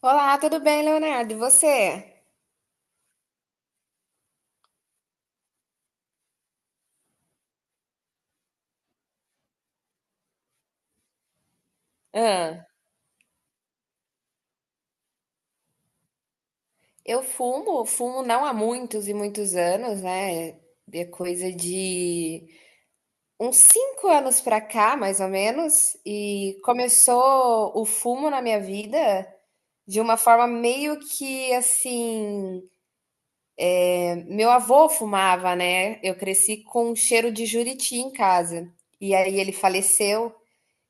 Olá, tudo bem, Leonardo? E você? Ah, eu fumo, fumo não há muitos e muitos anos, né? É coisa de uns 5 anos pra cá, mais ou menos, e começou o fumo na minha vida de uma forma meio que assim. Meu avô fumava, né? Eu cresci com um cheiro de juriti em casa, e aí ele faleceu.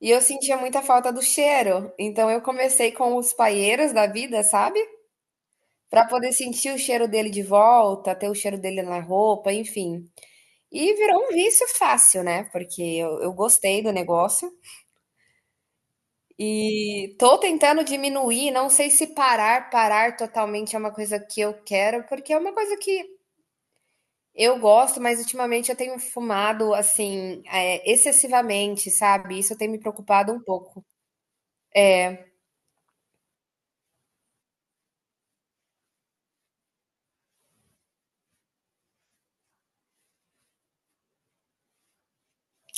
E eu sentia muita falta do cheiro, então eu comecei com os paieiros da vida, sabe? Pra poder sentir o cheiro dele de volta, ter o cheiro dele na roupa, enfim. E virou um vício fácil, né? Porque eu gostei do negócio e tô tentando diminuir. Não sei se parar, parar totalmente é uma coisa que eu quero, porque é uma coisa que eu gosto, mas ultimamente eu tenho fumado assim, é, excessivamente, sabe? Isso tem me preocupado um pouco.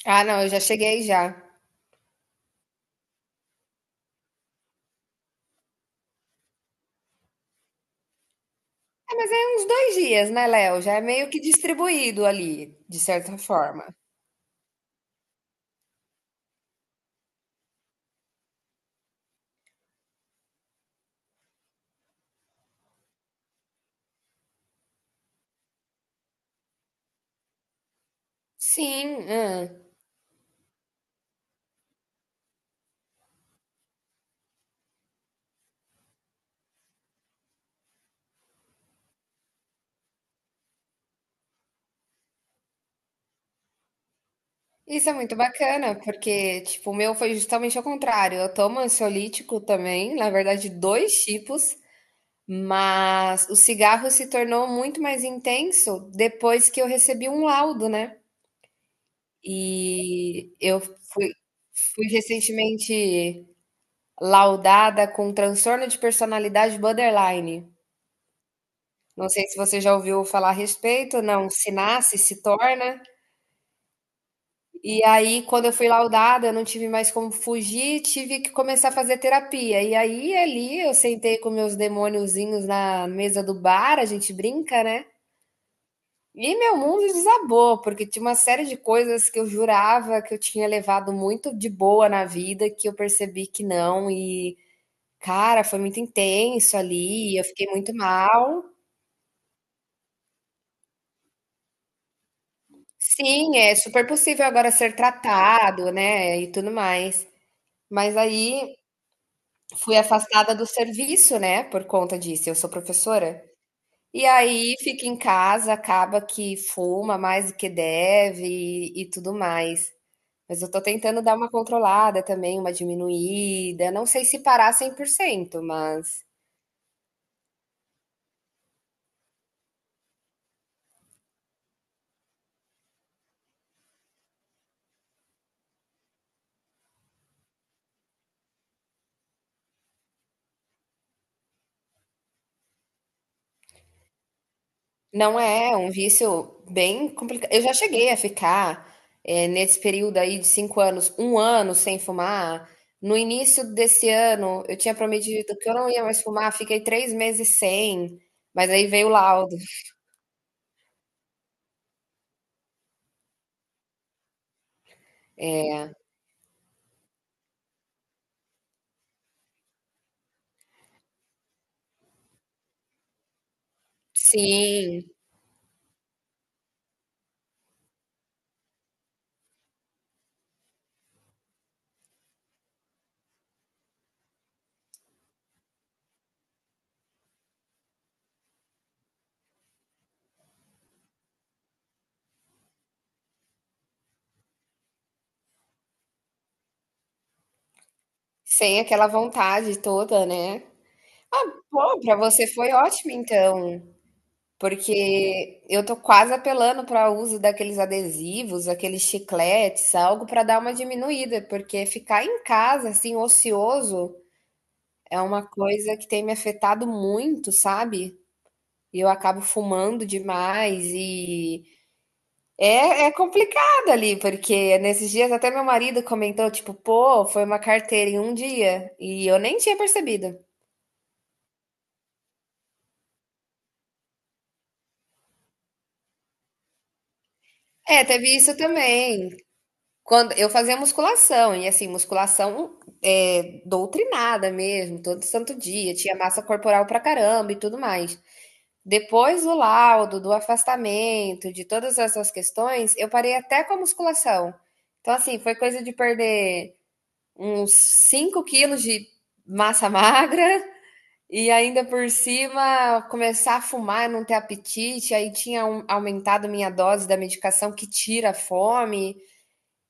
Ah, não, eu já cheguei já. É, mas é uns 2 dias, né, Léo? Já é meio que distribuído ali, de certa forma. Sim, hã. Isso é muito bacana, porque, tipo, o meu foi justamente ao contrário. Eu tomo ansiolítico também, na verdade, 2 tipos, mas o cigarro se tornou muito mais intenso depois que eu recebi um laudo, né. E eu fui fui recentemente laudada com um transtorno de personalidade borderline. Não sei se você já ouviu falar a respeito, não, se nasce, se torna. E aí, quando eu fui laudada, eu não tive mais como fugir, tive que começar a fazer terapia. E aí, ali, eu sentei com meus demôniozinhos na mesa do bar, a gente brinca, né? E meu mundo desabou, porque tinha uma série de coisas que eu jurava que eu tinha levado muito de boa na vida, que eu percebi que não. E, cara, foi muito intenso ali, eu fiquei muito mal. Sim, é super possível agora ser tratado, né? E tudo mais. Mas aí fui afastada do serviço, né, por conta disso, eu sou professora. E aí fica em casa, acaba que fuma mais do que deve e tudo mais. Mas eu tô tentando dar uma controlada também, uma diminuída. Não sei se parar 100%, mas não é, é um vício bem complicado. Eu já cheguei a ficar, nesse período aí de 5 anos, um ano sem fumar. No início desse ano, eu tinha prometido que eu não ia mais fumar, fiquei 3 meses sem, mas aí veio o laudo. Sim, sem aquela vontade toda, né. Bom, pra você foi ótimo então. Porque eu tô quase apelando para o uso daqueles adesivos, aqueles chicletes, algo para dar uma diminuída, porque ficar em casa, assim, ocioso, é uma coisa que tem me afetado muito, sabe? E eu acabo fumando demais e é, é complicado ali, porque nesses dias até meu marido comentou, tipo, pô, foi uma carteira em um dia e eu nem tinha percebido. É, teve isso também. Quando eu fazia musculação, e assim, musculação é, doutrinada mesmo, todo santo dia, tinha massa corporal pra caramba e tudo mais. Depois do laudo, do afastamento, de todas essas questões, eu parei até com a musculação. Então, assim, foi coisa de perder uns 5 quilos de massa magra e ainda por cima começar a fumar, não ter apetite, aumentado minha dose da medicação que tira a fome.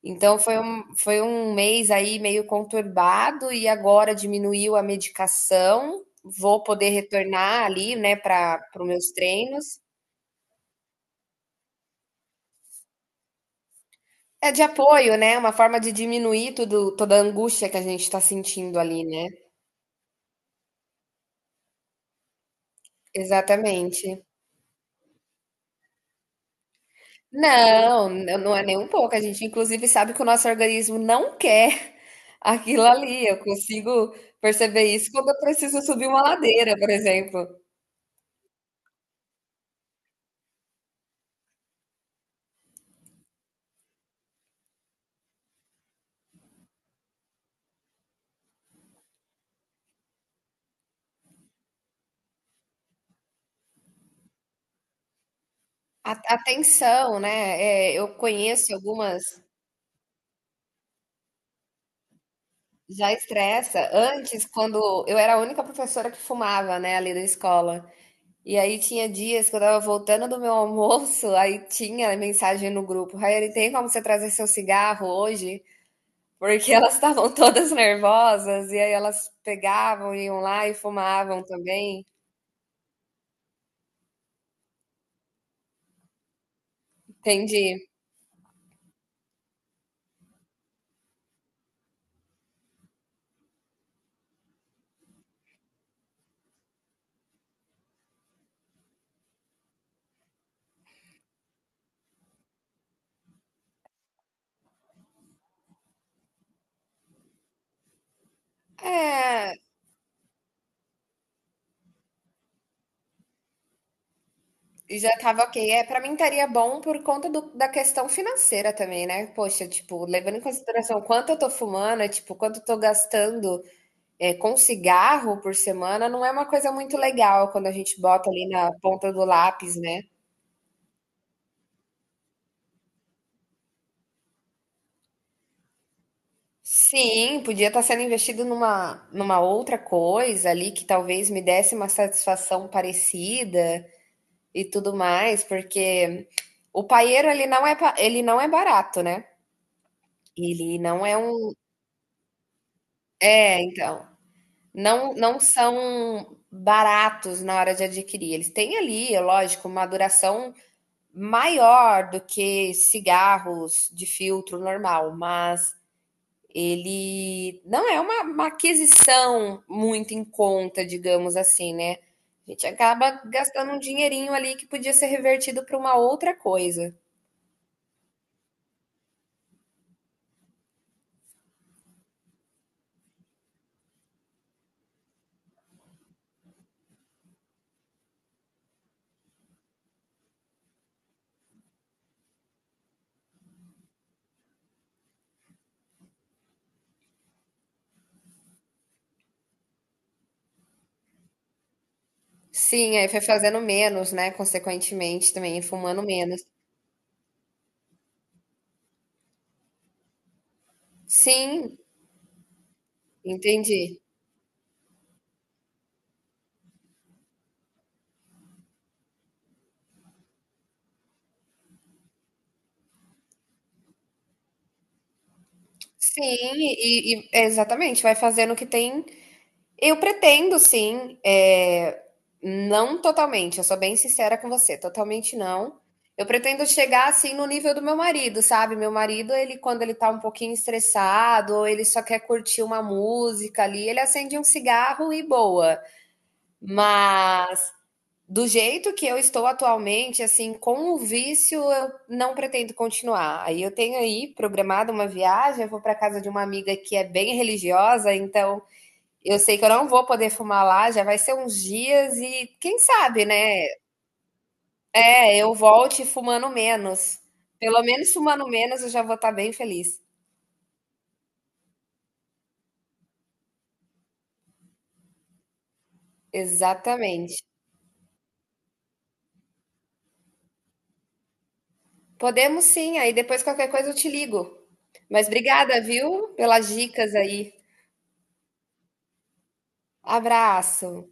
Então foi um mês aí meio conturbado e agora diminuiu a medicação. Vou poder retornar ali, né, para os meus treinos. É de apoio, né? Uma forma de diminuir tudo, toda a angústia que a gente está sentindo ali, né? Exatamente. Não, não é nem um pouco. A gente, inclusive, sabe que o nosso organismo não quer aquilo ali. Eu consigo perceber isso quando eu preciso subir uma ladeira, por exemplo. A tensão, né, eu conheço algumas já estressa. Antes, quando eu era a única professora que fumava, né, ali da escola. E aí tinha dias que eu estava voltando do meu almoço, aí tinha mensagem no grupo: "Raiane, tem como você trazer seu cigarro hoje?" Porque elas estavam todas nervosas, e aí elas pegavam, iam lá e fumavam também. Entendi. É. E já tava ok. É, para mim estaria bom por conta da questão financeira também, né? Poxa, tipo, levando em consideração quanto eu tô fumando, é, tipo, quanto eu tô gastando é, com cigarro por semana, não é uma coisa muito legal quando a gente bota ali na ponta do lápis, né? Sim, podia estar sendo investido numa outra coisa ali que talvez me desse uma satisfação parecida e tudo mais, porque o paieiro ele não é, ele não é barato, né? Ele não é um. É, então. Não, não são baratos na hora de adquirir. Eles têm ali, é lógico, uma duração maior do que cigarros de filtro normal, mas ele não é uma aquisição muito em conta, digamos assim, né? A gente acaba gastando um dinheirinho ali que podia ser revertido para uma outra coisa. Sim, aí foi fazendo menos, né? Consequentemente também, fumando menos. Sim, entendi. Sim, e, é, exatamente, vai fazendo o que tem. Eu pretendo, sim, é, não totalmente, eu sou bem sincera com você, totalmente não. Eu pretendo chegar assim no nível do meu marido, sabe? Meu marido, ele quando ele tá um pouquinho estressado, ou ele só quer curtir uma música ali, ele acende um cigarro e boa. Mas do jeito que eu estou atualmente, assim, com o vício, eu não pretendo continuar. Aí eu tenho aí programada uma viagem, eu vou para casa de uma amiga que é bem religiosa, então eu sei que eu não vou poder fumar lá, já vai ser uns dias e quem sabe, né? É, eu volte fumando menos. Pelo menos fumando menos, eu já vou estar bem feliz. Exatamente. Podemos sim, aí depois qualquer coisa eu te ligo. Mas obrigada, viu, pelas dicas aí. Abraço.